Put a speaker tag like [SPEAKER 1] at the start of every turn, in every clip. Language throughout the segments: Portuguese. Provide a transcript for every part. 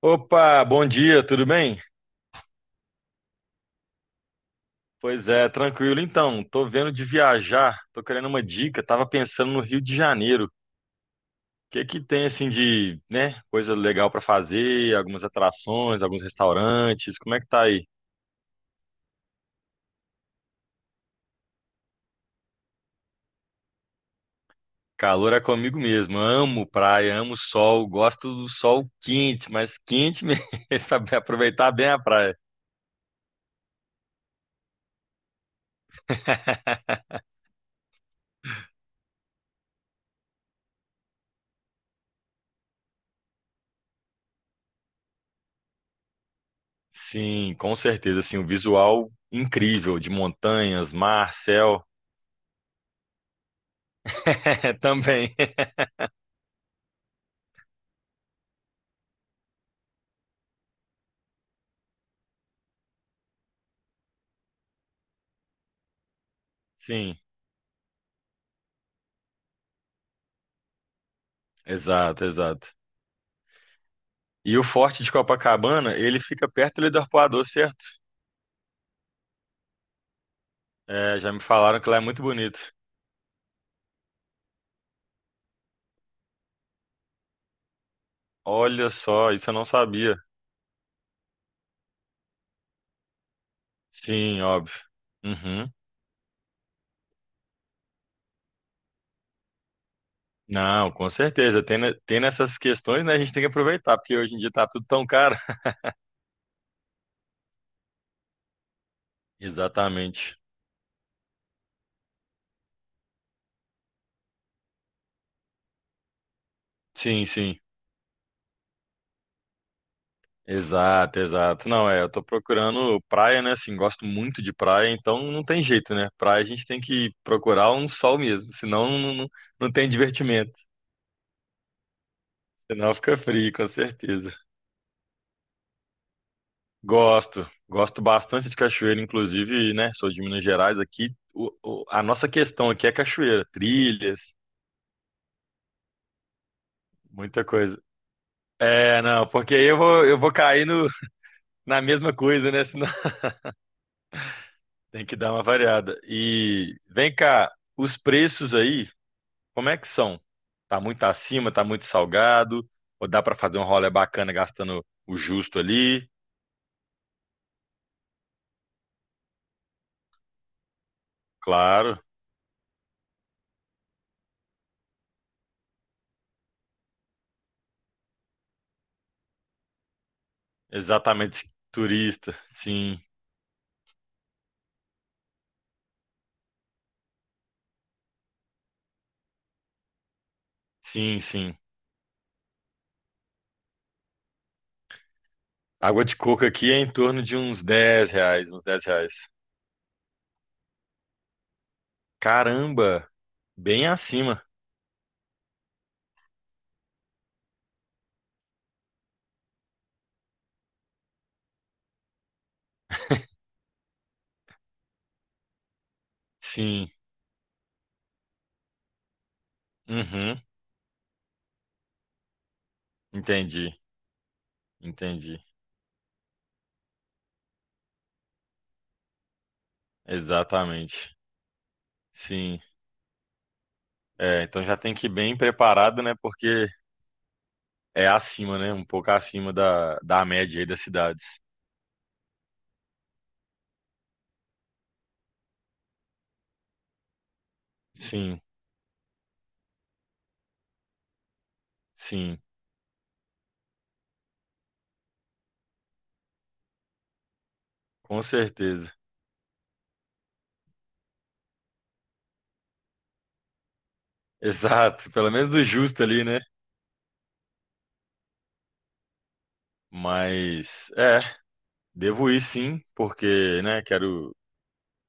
[SPEAKER 1] Opa, bom dia, tudo bem? Pois é, tranquilo então. Tô vendo de viajar, tô querendo uma dica. Tava pensando no Rio de Janeiro. O que que tem assim de, né, coisa legal pra fazer, algumas atrações, alguns restaurantes. Como é que tá aí? Calor é comigo mesmo. Amo praia, amo sol, gosto do sol quente, mas quente mesmo para aproveitar bem a praia. Sim, com certeza, assim, o visual incrível de montanhas, mar, céu, também. Sim. Exato, exato. E o Forte de Copacabana, ele fica perto ali do Arpoador, certo? É, já me falaram que lá é muito bonito. Olha só, isso eu não sabia. Sim, óbvio. Uhum. Não, com certeza. Tem, tem nessas questões, né? A gente tem que aproveitar, porque hoje em dia tá tudo tão caro. Exatamente. Sim, sim. Exato, exato. Não, é, eu tô procurando praia, né? Assim, gosto muito de praia, então não tem jeito, né? Praia a gente tem que procurar um sol mesmo, senão não, não tem divertimento. Senão fica frio, com certeza. Gosto, gosto bastante de cachoeira, inclusive, né? Sou de Minas Gerais aqui. A nossa questão aqui é cachoeira, trilhas, muita coisa. É, não, porque aí eu vou cair no, na mesma coisa, né? Senão tem que dar uma variada. E vem cá, os preços aí, como é que são? Tá muito acima, tá muito salgado? Ou dá pra fazer um rolê bacana gastando o justo ali? Claro, exatamente turista. Sim, sim, sim. Água de coco aqui é em torno de uns R$ 10, uns R$ 10. Caramba, bem acima. Sim, uhum, entendi, entendi. Exatamente. Sim, é, então já tem que ir bem preparado, né? Porque é acima, né? Um pouco acima da média aí das cidades. Sim, sim, com certeza. Exato, pelo menos o justo ali, né? Mas é, devo ir sim, porque, né, quero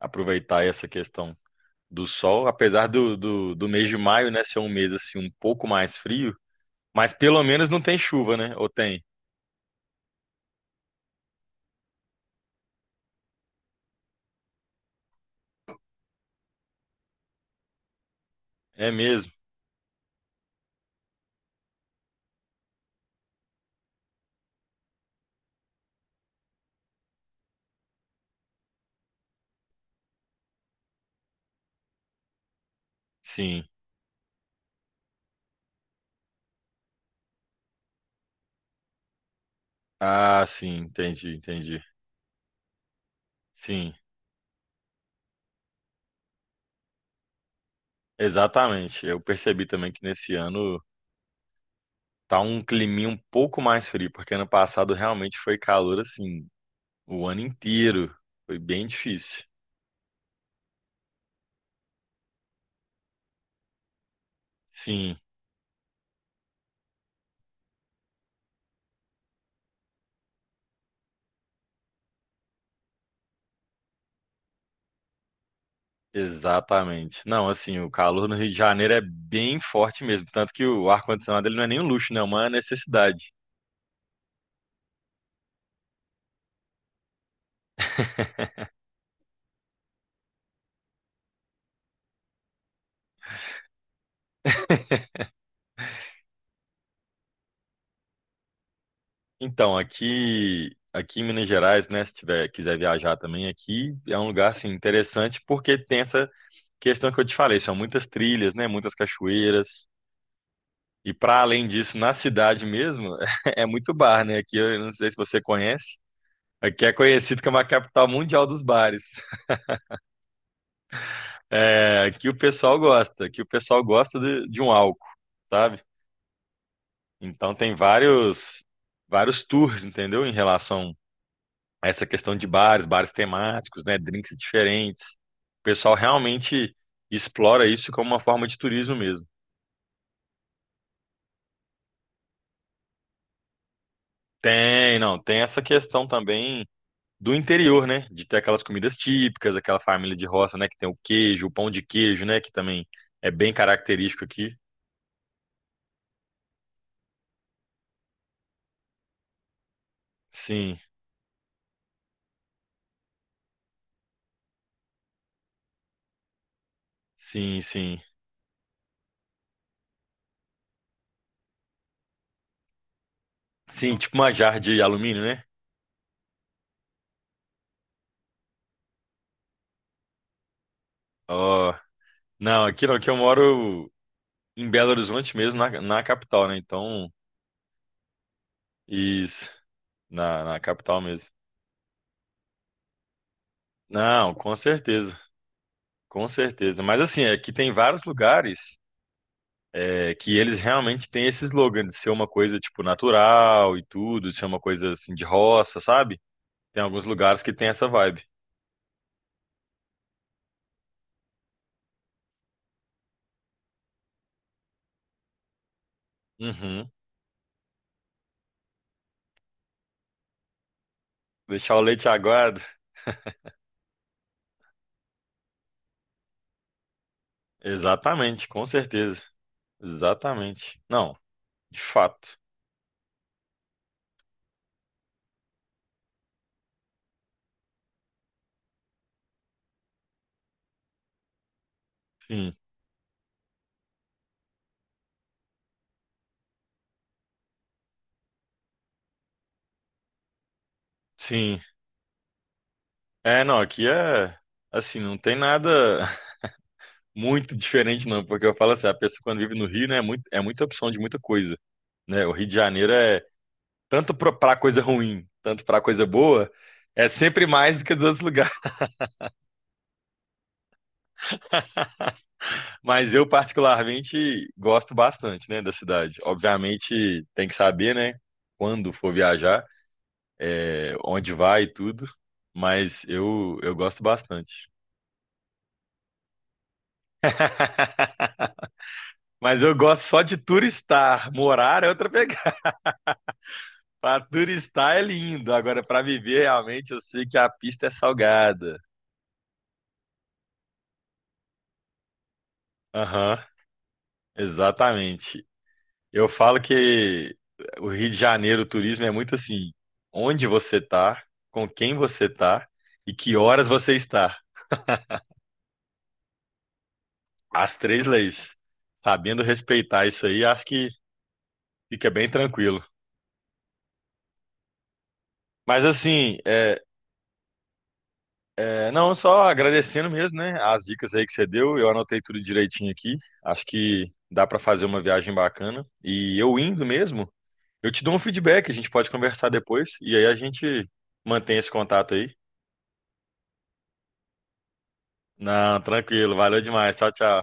[SPEAKER 1] aproveitar essa questão do sol, apesar do, do mês de maio, né, ser um mês assim um pouco mais frio, mas pelo menos não tem chuva, né? Ou tem? É mesmo? Sim. Ah, sim, entendi, entendi. Sim, exatamente. Eu percebi também que nesse ano tá um climinha um pouco mais frio, porque ano passado realmente foi calor assim o ano inteiro. Foi bem difícil. Sim, exatamente. Não, assim, o calor no Rio de Janeiro é bem forte mesmo, tanto que o ar-condicionado ele não é nem um luxo, né? É uma necessidade. Então, aqui, aqui em Minas Gerais, né, se tiver, quiser viajar também aqui, é um lugar assim interessante porque tem essa questão que eu te falei, são muitas trilhas, né, muitas cachoeiras. E para além disso, na cidade mesmo, é muito bar, né? Aqui eu não sei se você conhece, aqui é conhecido como a capital mundial dos bares. É, aqui o pessoal gosta, aqui o pessoal gosta de um álcool, sabe? Então tem vários vários tours, entendeu? Em relação essa questão de bares, bares temáticos, né, drinks diferentes. O pessoal realmente explora isso como uma forma de turismo mesmo. Tem, não, tem essa questão também do interior, né, de ter aquelas comidas típicas, aquela família de roça, né, que tem o queijo, o pão de queijo, né, que também é bem característico aqui. Sim, sim, sim. Sim, tipo uma jarra de alumínio, né? Ó, não, aqui não, aqui eu moro em Belo Horizonte mesmo, na capital, né? Então, isso, na capital mesmo. Não, com certeza, com certeza. Mas assim, é que tem vários lugares é, que eles realmente têm esse slogan de ser uma coisa tipo natural e tudo, de ser uma coisa assim de roça, sabe? Tem alguns lugares que tem essa vibe. Uhum. Deixar o leite aguado. Exatamente, com certeza. Exatamente. Não, de fato. Sim, sim. É, não, aqui é assim, não tem nada. Muito diferente, não, porque eu falo assim, a pessoa quando vive no Rio, né, é muito, é muita opção de muita coisa, né? O Rio de Janeiro é tanto para coisa ruim, tanto para coisa boa, é sempre mais do que dos outros lugares. Mas eu particularmente gosto bastante, né, da cidade. Obviamente tem que saber, né, quando for viajar, é, onde vai e tudo, mas eu gosto bastante. Mas eu gosto só de turistar, morar é outra pegada. Pra turistar é lindo, agora pra viver realmente eu sei que a pista é salgada. Aham, exatamente. Eu falo que o Rio de Janeiro, o turismo é muito assim, onde você tá, com quem você tá e que horas você está. As três leis. Sabendo respeitar isso aí, acho que fica bem tranquilo. Mas assim, é, É, não, só agradecendo mesmo, né? As dicas aí que você deu, eu anotei tudo direitinho aqui. Acho que dá para fazer uma viagem bacana. E eu indo mesmo, eu te dou um feedback, a gente pode conversar depois e aí a gente mantém esse contato aí. Não, tranquilo, valeu demais. Tchau, tchau.